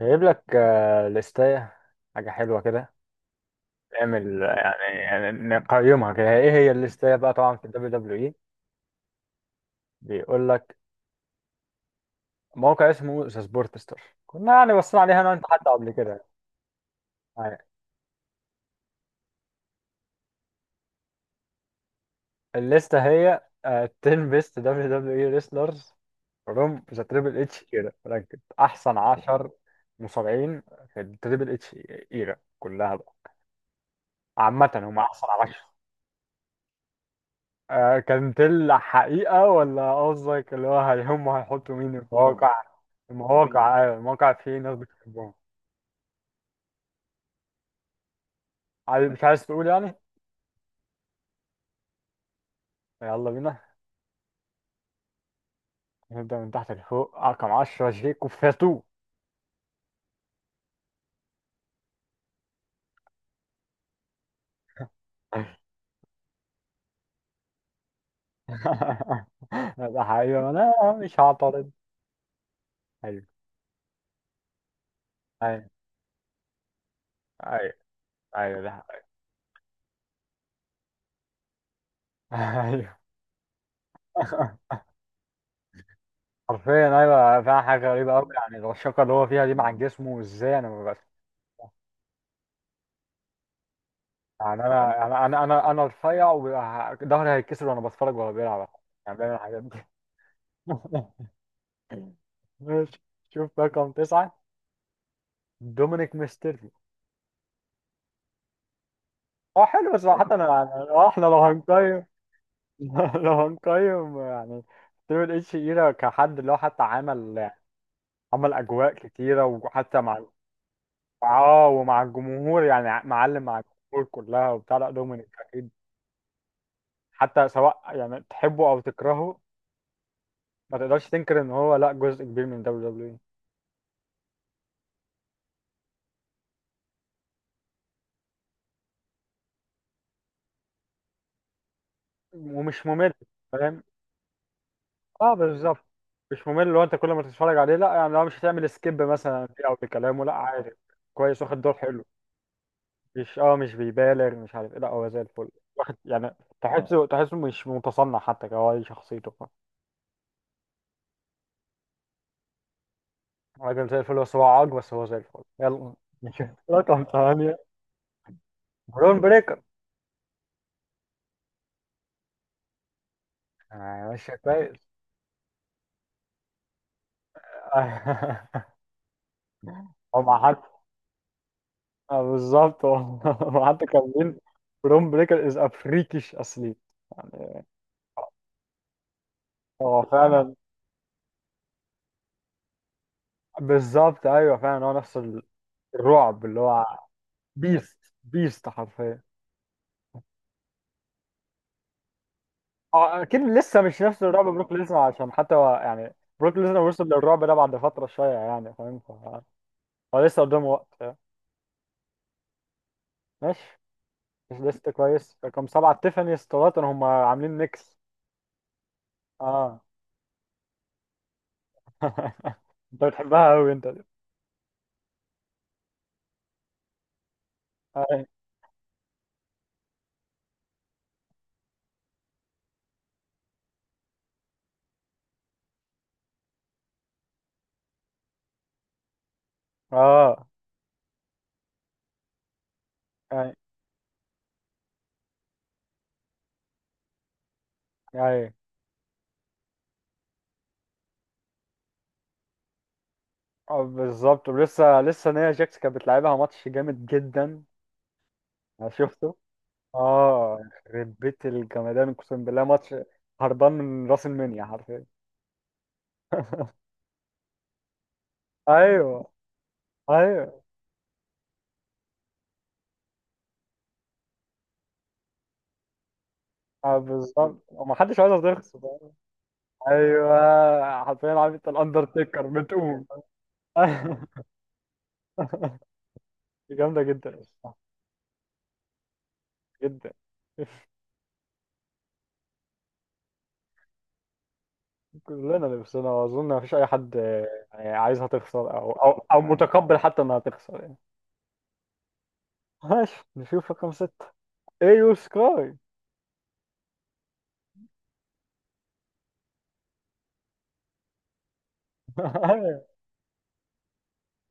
هجيب لك لستاية حاجة حلوة كده. اعمل يعني نقيمها كده. ايه هي الليستاية بقى؟ طبعا في الدبليو دبليو اي بيقول لك. موقع اسمه ذا سبورتستر. كنا يعني بصينا عليها انا وانت حتى قبل كده يعني. الليستة هي 10 بيست دبليو دبليو اي ريسلرز فروم ذا تريبل اتش ايرا، رانكد احسن 10 مصارعين في التريبل اتش ايرا كلها بقى. عامة هم احسن. كانت الحقيقة ولا قصدك اللي هو هيهم هيحطوا مين في مين المواقع؟ مين المواقع؟ المواقع فيه ناس بتحبهم. مش عايز تقول يعني. يلا بينا نبدأ من تحت لفوق. رقم 10 شيكو فاتو. ده حقيقة أنا مش هعترض. أيوه. أيوه. أيوه. أيوه ده حقيقة. أيوه حرفيا أيوه، فيها حاجة غريبة أوي، يعني الرشاقة اللي هو فيها دي مع جسمه إزاي، أنا يعني انا رفيع وظهري هيتكسر وانا بتفرج وهو بيلعب، يعني بيعمل الحاجات دي. ماشي. شوف رقم تسعة. دومينيك ميستيريو. اه حلو، بس حتى انا يعني احنا لو هنقيم. لو هنقيم يعني تريبل اتش ايرا كحد اللي هو حتى عمل اجواء كتيرة، وحتى مع اه ومع الجمهور يعني معلم، مع الجمهور كلها وبتاع. لا دومينيك اكيد، حتى سواء يعني تحبه او تكرهه ما تقدرش تنكر ان هو لا جزء كبير من دبليو دبليو ومش ممل. فاهم؟ اه بالظبط. مش ممل لو انت كل ما تتفرج عليه، لا يعني لو مش هتعمل سكيب مثلا فيه او في كلامه، لا عادي كويس واخد دور حلو. مش بيبالغ، مش عارف ايه، لا هو زي الفل واخد يعني. تحسه مش متصنع، حتى هو دي شخصيته. فاهم؟ راجل زي الفل، بس هو عاج، بس هو زي الفل. يلا نشوف رقم ثمانية. برون بريكر. ماشي كويس. هو مع حد. بالظبط هو مع حد كان. برون بريكر از افريكيش اصلي يعني. هو فعلا، بالظبط ايوه فعلا، هو نفس الرعب اللي هو. بيست. بيست حرفيا. اه اكيد لسه مش نفس الرعب بروك ليزنر، عشان حتى هو يعني بروك ليزنر وصل للرعب ده بعد فتره شويه يعني. فاهم؟ هو لسه قدامه وقت يعني. ماشي، مش لسه كويس. رقم سبعه تيفاني ستراتون، هم عاملين ميكس. اه انت بتحبها قوي انت دي. اي اه اي اي اه بالظبط، ولسه لسه نيا جاكس كانت بتلعبها ماتش جامد جدا. انا شفته. اه يخرب بيت الجمدان، اقسم بالله ماتش هربان من راس المنيا حرفيا. ايوه. ايوه. بالظبط، وما حدش عايز يخسر. ايوه حرفيا، عارف انت الاندرتيكر بتقوم. جامده جدا الصراحة، جدا. كلنا لبسنا، واظن ما فيش اي حد يعني عايزها تخسر او متقبل حتى انها تخسر يعني. ماشي نشوف رقم ستة. ايو سكاي.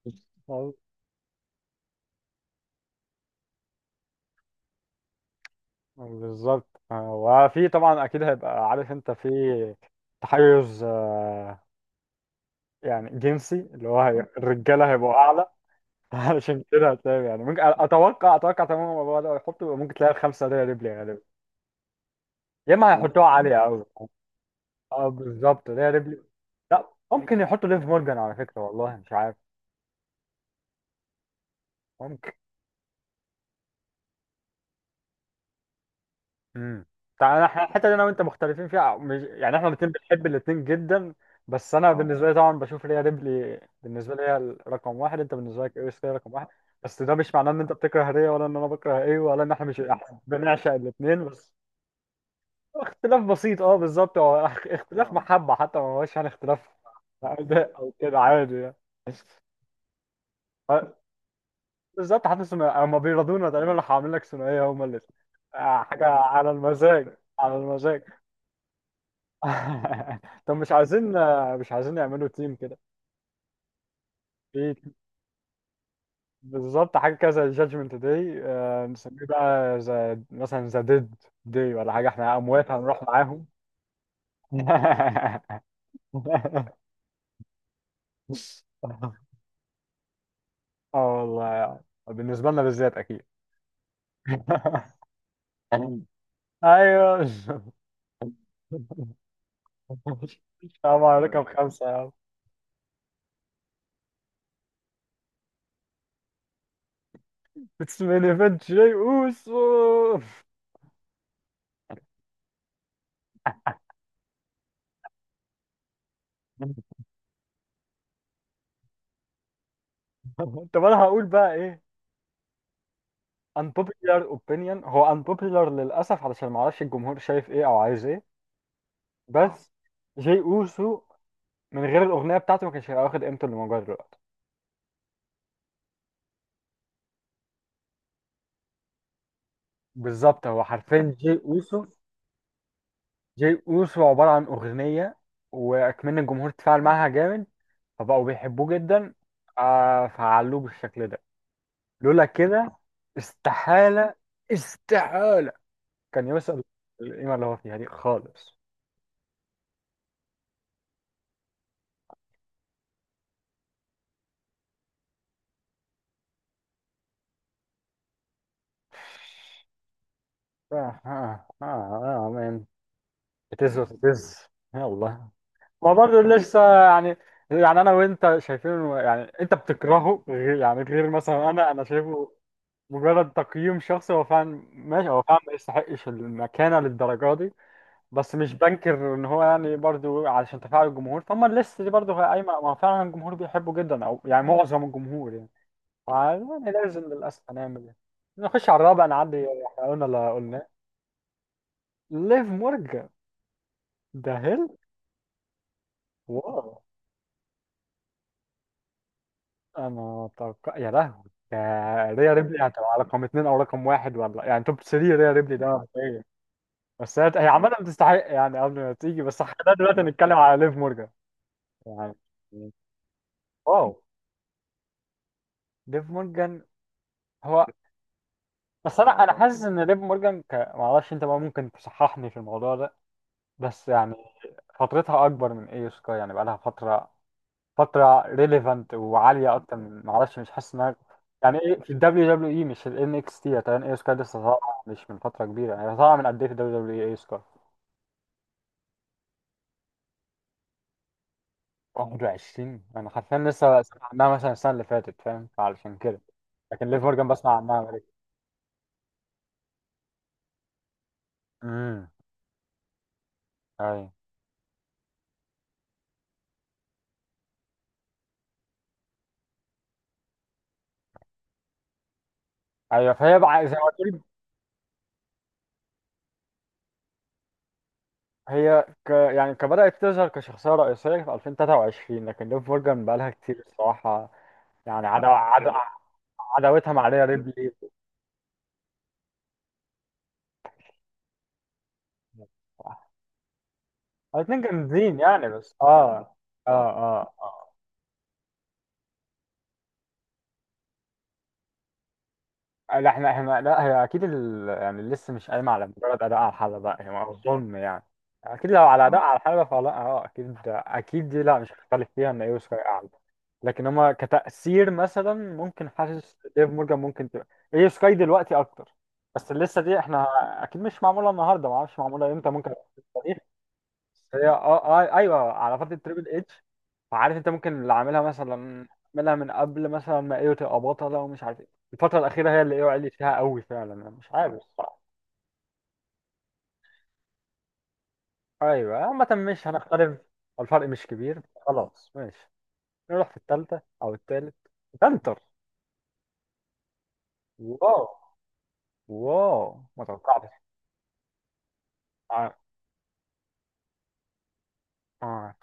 بالظبط. وفي طبعا اكيد هيبقى، عارف انت، في تحيز يعني جنسي، اللي هو الرجاله هيبقوا اعلى. علشان كده هتلاقي يعني ممكن اتوقع تماما الموضوع ده، يحطوا ممكن تلاقي الخمسه دي ريبلي غالبا، يا اما هيحطوها عاليه قوي. اه بالظبط، ده ريبلي. لا ممكن يحطوا ليف مورجان، على فكره والله مش عارف. ممكن. امم تعالى الحته دي انا وانت مختلفين فيها، مش يعني احنا الاثنين بنحب الاثنين جدا. بس انا بالنسبه لي طبعا بشوف ريا ريبلي، بالنسبه لي هي رقم واحد، انت بالنسبه لك ايوه هي رقم واحد، بس ده مش معناه ان انت بتكره ريا، ولا ان انا بكره ايه، ولا ان احنا مش، إحنا بنعشق الاثنين بس. اختلاف بسيط، اه بالظبط هو اختلاف، اه محبه حتى، ما هوش يعني اختلاف اداء او كده، عادي يعني. بالظبط، حتى ثنائية هم بيرضونا تقريبا، راح عاملين لك ثنائيه هم الاثنين، حاجه على المزاج على المزاج. طب مش عايزين يعملوا تيم كده في. بالظبط، حاجه كده زي جادجمنت داي، نسميه بقى زي مثلا ذا ديد داي ولا حاجه، احنا اموات هنروح معاهم. اه والله يعني. بالنسبه لنا بالذات اكيد. ايوه. السلام عليكم. خمسه يا عم، اتس مين ايفنت جاي اوسو. طب انا هقول بقى ايه؟ unpopular opinion هو unpopular للأسف، علشان ما اعرفش الجمهور شايف ايه او عايز ايه، اه بس. جي اوسو من غير الأغنية بتاعته ما كانش هيبقى واخد قيمته اللي موجودة دلوقتي. بالظبط، هو حرفيا جي اوسو. جي اوسو عبارة عن أغنية، وأكمن الجمهور تفاعل معاها جامد، فبقوا بيحبوه جدا، فعلوه بالشكل ده. لولا كده استحالة، استحالة كان يوصل القيمة اللي هو فيها دي خالص. آه آه آه آه. بتز وتتز. يلا. ما برضه لسه يعني انا وانت شايفين، يعني انت بتكرهه، غير مثلا انا شايفه مجرد تقييم شخصي. هو فعلا ماشي، هو فعلا ما يستحقش المكانه للدرجه دي، بس مش بنكر ان هو يعني برضه علشان تفاعل الجمهور، فما الليست دي برضه قايمه، ما فعلا الجمهور بيحبه جدا او يعني معظم الجمهور يعني. فيعني لازم، للاسف هنعمل ايه، نخش على الرابع، نعدي، احنا قلنا اللي قلناه. ليف مورجان. ده هيل. واو. انا اتوقع، يا لهوي، يا ريا ريبلي هتبقى رقم اتنين او رقم واحد ولا إيه؟ يعني توب 3 ريا ريبلي ده مبدئيا. بس هي عامة بتستحق يعني قبل ما تيجي، بس خلينا دلوقتي نتكلم على ليف مورجان يعني. واو ليف مورجان. هو. بس انا حاسس ان ليف مورجان ما اعرفش انت بقى، ممكن تصححني في الموضوع ده بس يعني. فترتها اكبر من اي سكاي، يعني بقى لها فترة ريليفنت وعالية أكتر من، معرفش، مش حاسس إنها يعني إيه في ال WWE مش ال NXT تقريبا. إيه سكاي لسه طالعة مش من فترة كبيرة، يعني طالعة من قد إيه في ال WWE إيه سكاي؟ 21 أنا حرفيا لسه سامع عنها مثلا السنة اللي فاتت. فاهم؟ فعلشان كده. لكن ليف مورجان بسمع عنها بقالي. امم أيوه. أيوه فهي بقى زي ما قلت لي. هي ك يعني كبدأت تظهر كشخصية رئيسية في 2023، لكن ليف مورجان بقالها كتير الصراحة. يعني عدا عداوتها مع ريا ريبلي. الاتنين جامدين يعني، بس اه اه اه لا احنا لا، هي اكيد يعني لسه مش قايمه على مجرد اداء على الحلبه، هي ما اظن يعني. اكيد لو على اداء على الحلبه، فلا اكيد اكيد دي، لا مش هختلف فيها ان ايو سكاي اعلى. لكن هما كتأثير مثلا، ممكن حاسس ديف مورجان ممكن تبقى ايو سكاي دلوقتي اكتر. بس لسه دي، احنا اكيد مش معموله النهارده، ما اعرفش معموله امتى ممكن. بس هي ايوه على فتره تريبل اتش، فعارف انت ممكن اللي عاملها من قبل مثلا، ما ايوه تبقى بطله ومش عارف ايه. الفتره الاخيره هي اللي ايوه عليت فيها قوي فعلا، انا مش عارف الصراحه. ايوه عامه مش هنختلف، الفرق مش كبير. خلاص ماشي. نروح في الثالثه او الثالث. بنتر. واو. واو ما توقعتش اه آه،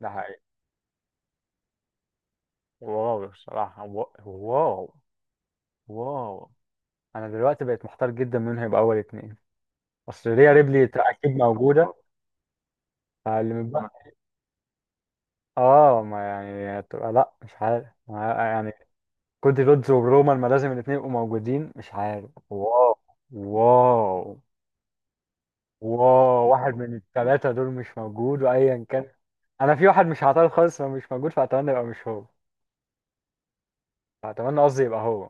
ده حقيقي. واو الصراحه، واو. واو انا دلوقتي بقيت محتار جدا مين هيبقى اول اتنين، اصل ريا ريبلي اكيد موجوده. أعلم بقى. اه ما يعني هتبقى لا مش عارف يعني. كودي رودز وبرومان، ما لازم الاتنين يبقوا موجودين، مش عارف. واو. واو. واو واحد من التلاتة دول مش موجود، وأيا كان أنا في واحد مش هعترض خالص لو مش موجود، فأتمنى يبقى مش هو. فأتمنى، قصدي، يبقى هو.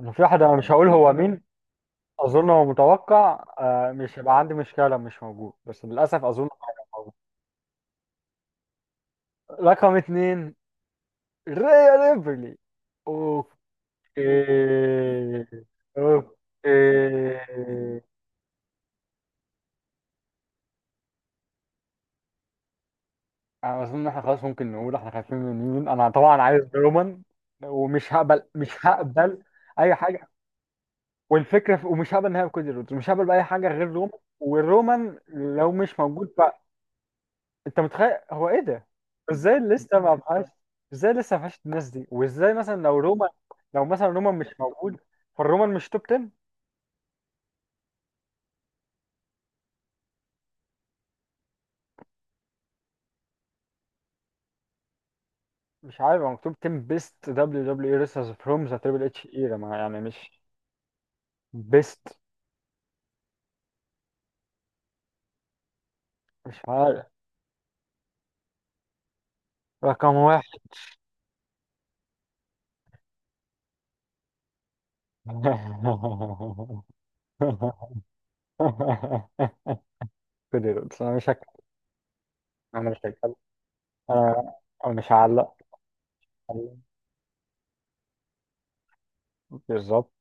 أنا في واحد أنا مش هقول هو مين. أظن هو متوقع، مش هيبقى عندي مشكلة لو مش موجود، بس للأسف أظن هو موجود. رقم اتنين ريا ريبلي. اوف. إيه. أوه. إيه. أنا أظن إن إحنا خلاص ممكن نقول إحنا خايفين من مين. أنا طبعا عايز رومان، ومش هقبل مش هقبل أي حاجة. والفكرة ومش هقبل نهائي كودي رودز، مش هقبل بأي حاجة غير رومان، والرومان لو مش موجود بقى. أنت متخيل هو إيه ده؟ إزاي لسه ما بقاش، إزاي لسه ما فيهاش الناس دي؟ وإزاي مثلا لو مثلا رومان مش موجود، فالرومان مش توب 10. مش عارف هو مكتوب 10 بيست دبليو دبليو اي ريسرز فروم ذا تريبل اتش ايرا، ما يعني مش بيست. مش عارف. رقم واحد. كده، بس انا مش هك... انا مش هك... انا أنا مش هعلق. بالظبط.